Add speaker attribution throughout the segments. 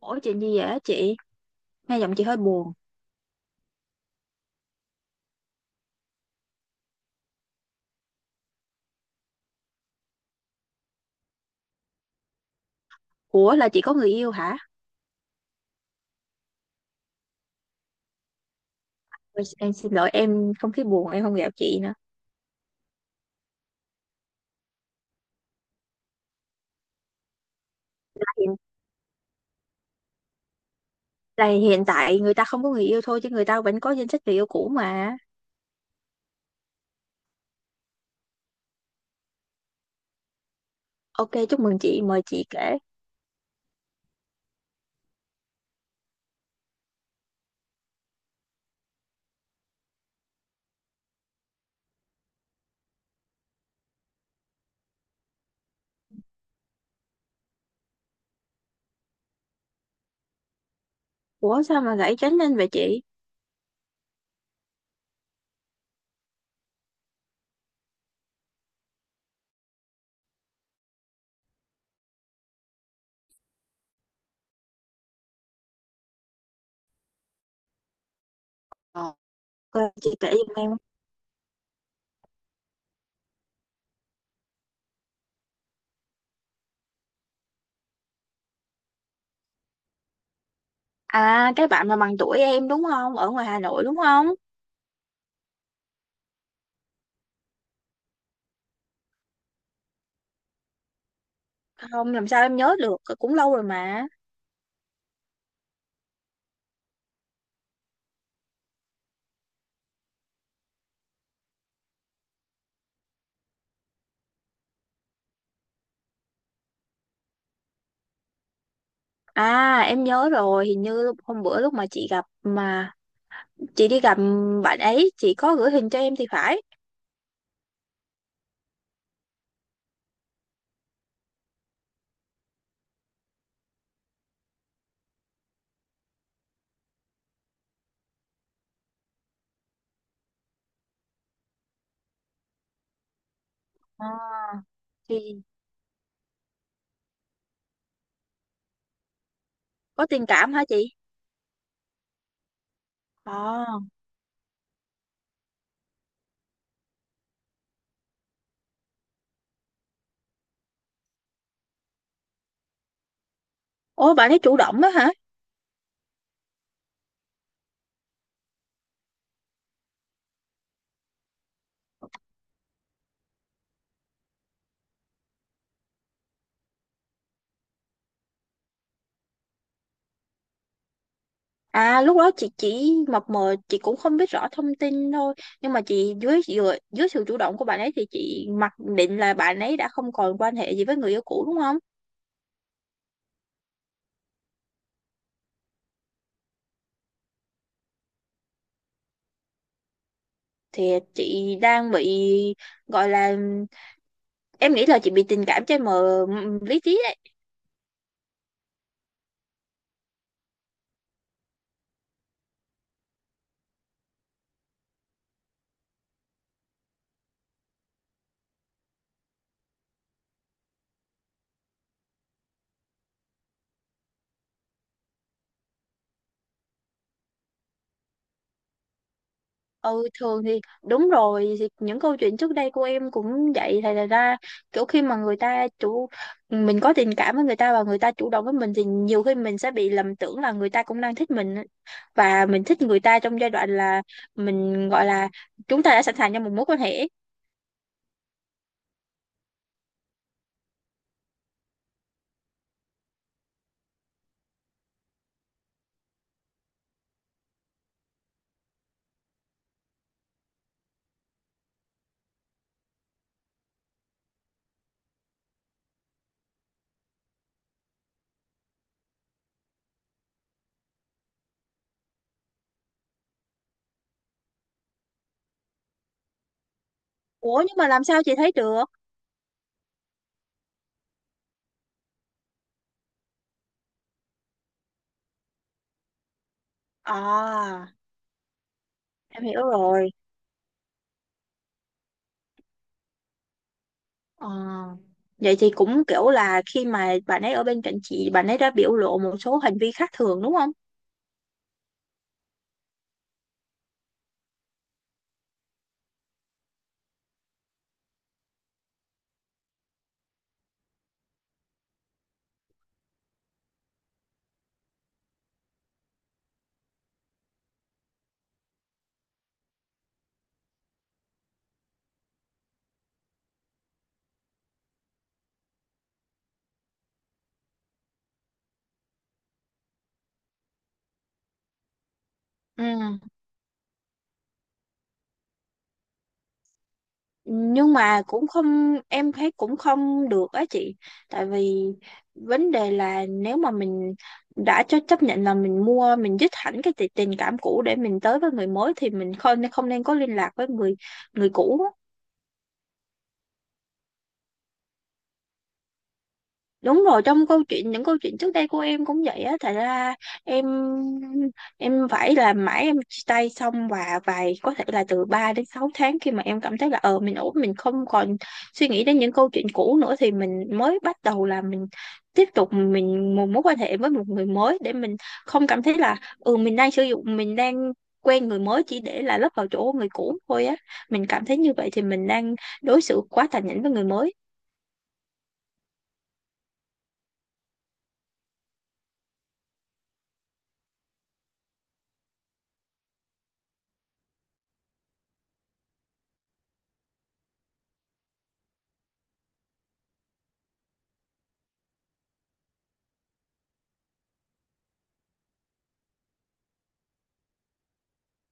Speaker 1: Ủa chuyện gì vậy á chị? Nghe giọng chị hơi buồn. Ủa là chị có người yêu hả? Ôi, em xin lỗi em không khí buồn em không gặp chị nữa. Hiện, là hiện tại người ta không có người yêu thôi chứ người ta vẫn có danh sách người yêu cũ mà. Ok, chúc mừng chị, mời chị kể. Ủa sao mà gãy tránh lên vậy chị? Ờ, Ok, chị kể giùm em. À cái bạn mà bằng tuổi em đúng không? Ở ngoài Hà Nội đúng không? Không, làm sao em nhớ được. Ờ, Cũng lâu rồi mà. À em nhớ rồi, hình như hôm bữa lúc mà chị gặp mà chị đi gặp bạn ấy chị có gửi hình cho em thì phải. À, thì có tình cảm hả chị? Ờ. Ủa bạn ấy chủ động đó hả? À lúc đó chị chỉ mập mờ chị cũng không biết rõ thông tin thôi, nhưng mà chị dưới dưới, dưới sự chủ động của bạn ấy thì chị mặc định là bạn ấy đã không còn quan hệ gì với người yêu cũ đúng không? Thì chị đang bị, gọi là, em nghĩ là chị bị tình cảm che mờ lý trí. Ừ thường thì đúng rồi, thì những câu chuyện trước đây của em cũng vậy, thì là ra kiểu khi mà người ta chủ, mình có tình cảm với người ta và người ta chủ động với mình thì nhiều khi mình sẽ bị lầm tưởng là người ta cũng đang thích mình, và mình thích người ta trong giai đoạn là mình gọi là chúng ta đã sẵn sàng cho một mối quan hệ. Ủa nhưng mà làm sao chị thấy được? À em hiểu rồi. Ờ. Vậy thì cũng kiểu là khi mà bạn ấy ở bên cạnh chị bạn ấy đã biểu lộ một số hành vi khác thường đúng không? Ừ nhưng mà cũng không, em thấy cũng không được á chị. Tại vì vấn đề là nếu mà mình đã cho chấp nhận là mình mua mình dứt hẳn cái tình cảm cũ để mình tới với người mới thì mình không không nên có liên lạc với người người cũ. Đúng rồi, trong câu chuyện những câu chuyện trước đây của em cũng vậy á, thật ra em em phải làm mãi, em chia tay xong và vài có thể là từ 3 đến 6 tháng khi mà em cảm thấy là ờ mình ổn, mình không còn suy nghĩ đến những câu chuyện cũ nữa thì mình mới bắt đầu là mình tiếp tục mình một mối quan hệ với một người mới để mình không cảm thấy là ừ mình đang sử dụng mình đang quen người mới chỉ để là lấp vào chỗ người cũ thôi á. Mình cảm thấy như vậy thì mình đang đối xử quá tàn nhẫn với người mới.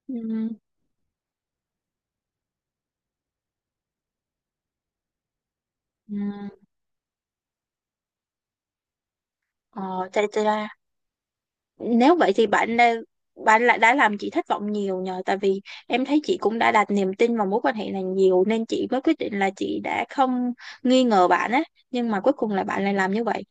Speaker 1: Ừ. Ừ. Tại là, nếu vậy thì bạn đã, bạn lại đã làm chị thất vọng nhiều nhờ. Tại vì em thấy chị cũng đã đặt niềm tin vào mối quan hệ này nhiều nên chị mới quyết định là chị đã không nghi ngờ bạn á, nhưng mà cuối cùng là bạn lại làm như vậy.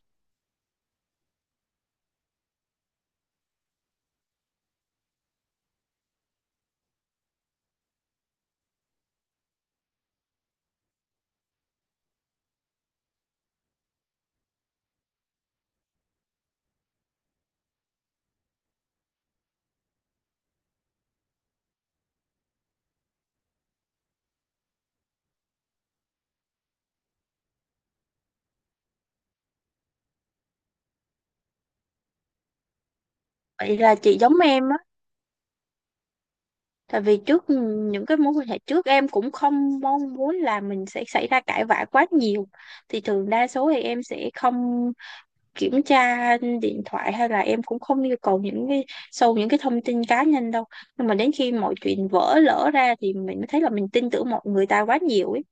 Speaker 1: Vậy là chị giống em á. Tại vì trước những cái mối quan hệ trước em cũng không mong muốn là mình sẽ xảy ra cãi vã quá nhiều, thì thường đa số thì em sẽ không kiểm tra điện thoại, hay là em cũng không yêu cầu những cái sâu những cái thông tin cá nhân đâu. Nhưng mà đến khi mọi chuyện vỡ lỡ ra thì mình mới thấy là mình tin tưởng mọi người ta quá nhiều ấy.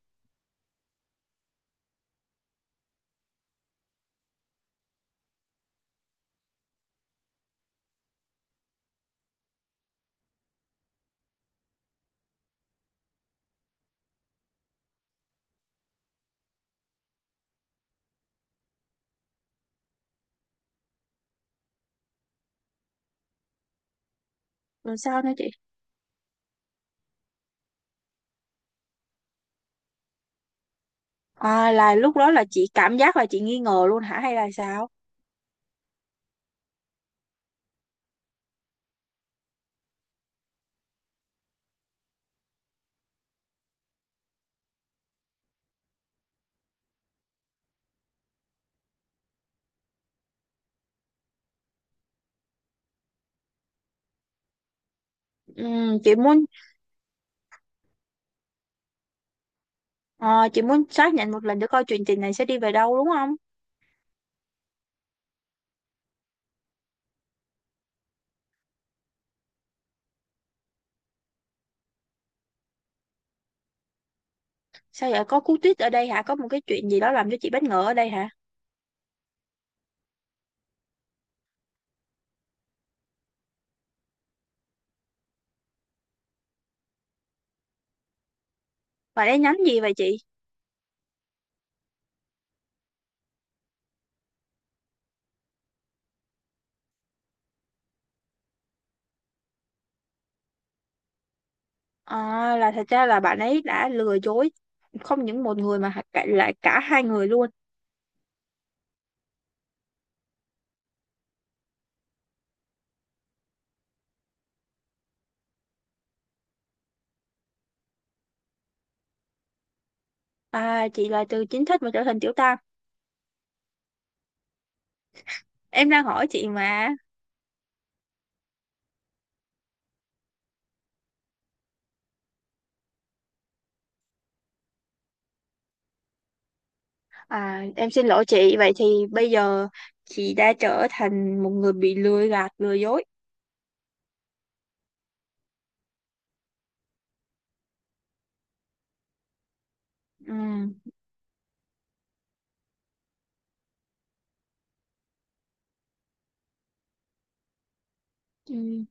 Speaker 1: Rồi sao nữa chị? À là lúc đó là chị cảm giác là chị nghi ngờ luôn hả hay là sao? Chị muốn, ờ, chị muốn xác nhận một lần để coi chuyện tình này sẽ đi về đâu đúng không? Sao vậy, có cú tuyết ở đây hả, có một cái chuyện gì đó làm cho chị bất ngờ ở đây hả? Bạn ấy nhắn gì vậy chị? À, là thật ra là bạn ấy đã lừa dối không những một người mà lại cả hai người luôn. À, chị là từ chính thức mà trở thành tiểu tam. Em đang hỏi chị mà. À, em xin lỗi chị. Vậy thì bây giờ chị đã trở thành một người bị lừa gạt, lừa dối. Ừ. Ừ.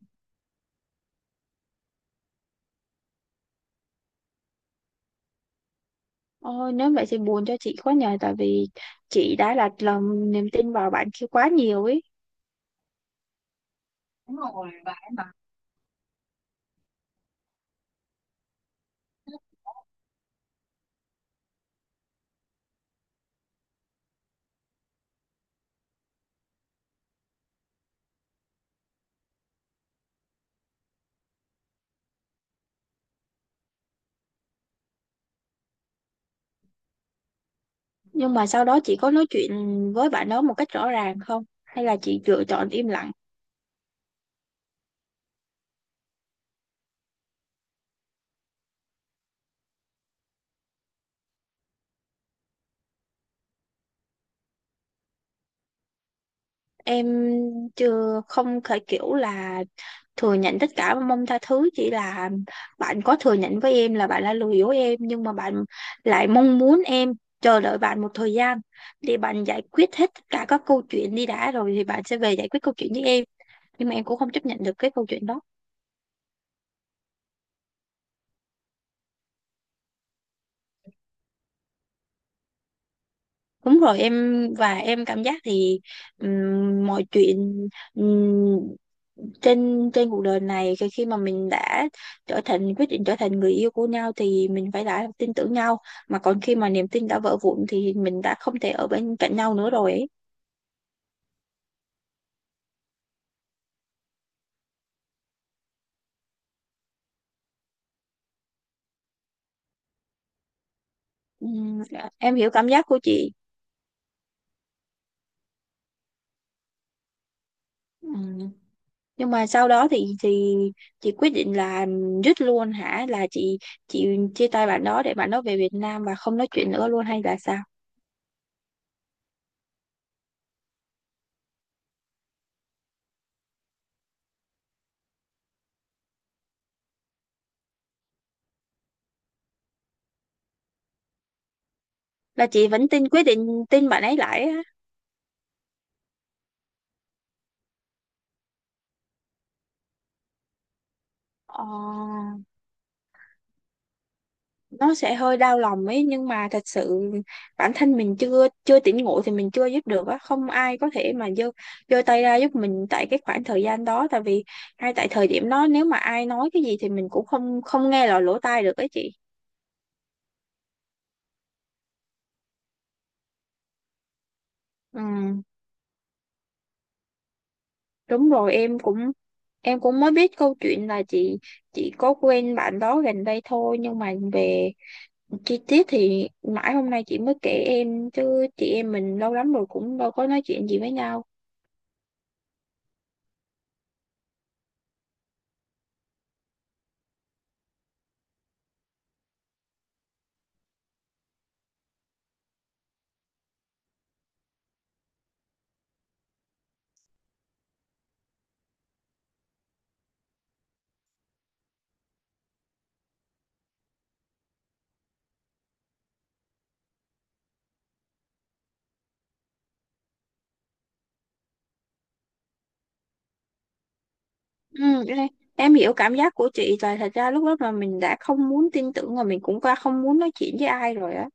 Speaker 1: Ôi, nếu vậy thì buồn cho chị quá nhờ. Tại vì chị đã đặt lòng niềm tin vào bạn kia quá nhiều ấy. Nhưng mà sau đó chị có nói chuyện với bạn đó một cách rõ ràng không? Hay là chị lựa chọn im lặng? Em chưa, không thể kiểu là thừa nhận tất cả và mong tha thứ, chỉ là bạn có thừa nhận với em là bạn đã lừa dối em nhưng mà bạn lại mong muốn em chờ đợi bạn một thời gian để bạn giải quyết hết tất cả các câu chuyện đi đã rồi thì bạn sẽ về giải quyết câu chuyện với em. Nhưng mà em cũng không chấp nhận được cái câu chuyện đó. Đúng rồi em, và em cảm giác thì mọi chuyện, ừm, trên trên cuộc đời này khi khi mà mình đã trở thành quyết định trở thành người yêu của nhau thì mình phải đã tin tưởng nhau, mà còn khi mà niềm tin đã vỡ vụn thì mình đã không thể ở bên cạnh nhau nữa rồi ấy. Dạ, em hiểu cảm giác của chị. Ừm, nhưng mà sau đó thì chị quyết định là dứt luôn hả, là chị chị chia tay bạn đó để bạn đó về Việt Nam và không nói chuyện nữa luôn hay là sao? Là chị vẫn tin, quyết định tin bạn ấy lại á? ờ, nó sẽ hơi đau lòng ấy nhưng mà thật sự bản thân mình chưa chưa tỉnh ngộ thì mình chưa giúp được á, không ai có thể mà giơ giơ tay ra giúp mình tại cái khoảng thời gian đó. Tại vì ngay tại thời điểm đó nếu mà ai nói cái gì thì mình cũng không không nghe lọt lỗ tai được ấy chị. ừ, Đúng rồi em cũng, em cũng mới biết câu chuyện là chị có quen bạn đó gần đây thôi nhưng mà về chi tiết thì mãi hôm nay chị mới kể em chứ chị em mình lâu lắm rồi cũng đâu có nói chuyện gì với nhau. Ừ, cái này, em hiểu cảm giác của chị là thật ra lúc đó mà mình đã không muốn tin tưởng và mình cũng qua không muốn nói chuyện với ai rồi á.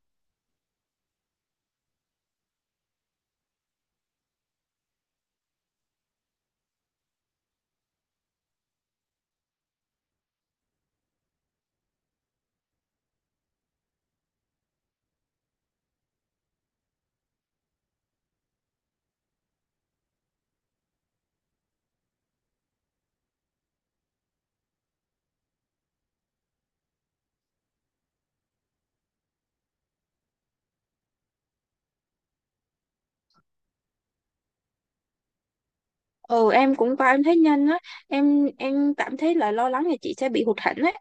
Speaker 1: Ừ em cũng qua em thấy nhanh á. Em cảm thấy là lo lắng là chị sẽ bị hụt hẫng á.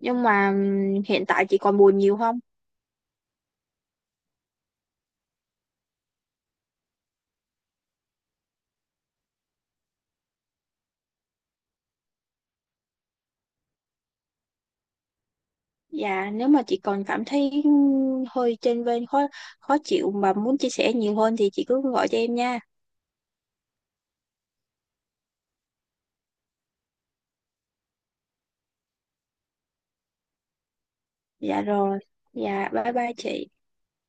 Speaker 1: Nhưng mà hiện tại chị còn buồn nhiều không? Dạ nếu mà chị còn cảm thấy hơi chênh vênh, khó khó chịu mà muốn chia sẻ nhiều hơn thì chị cứ gọi cho em nha. Dạ rồi, dạ bye bye chị.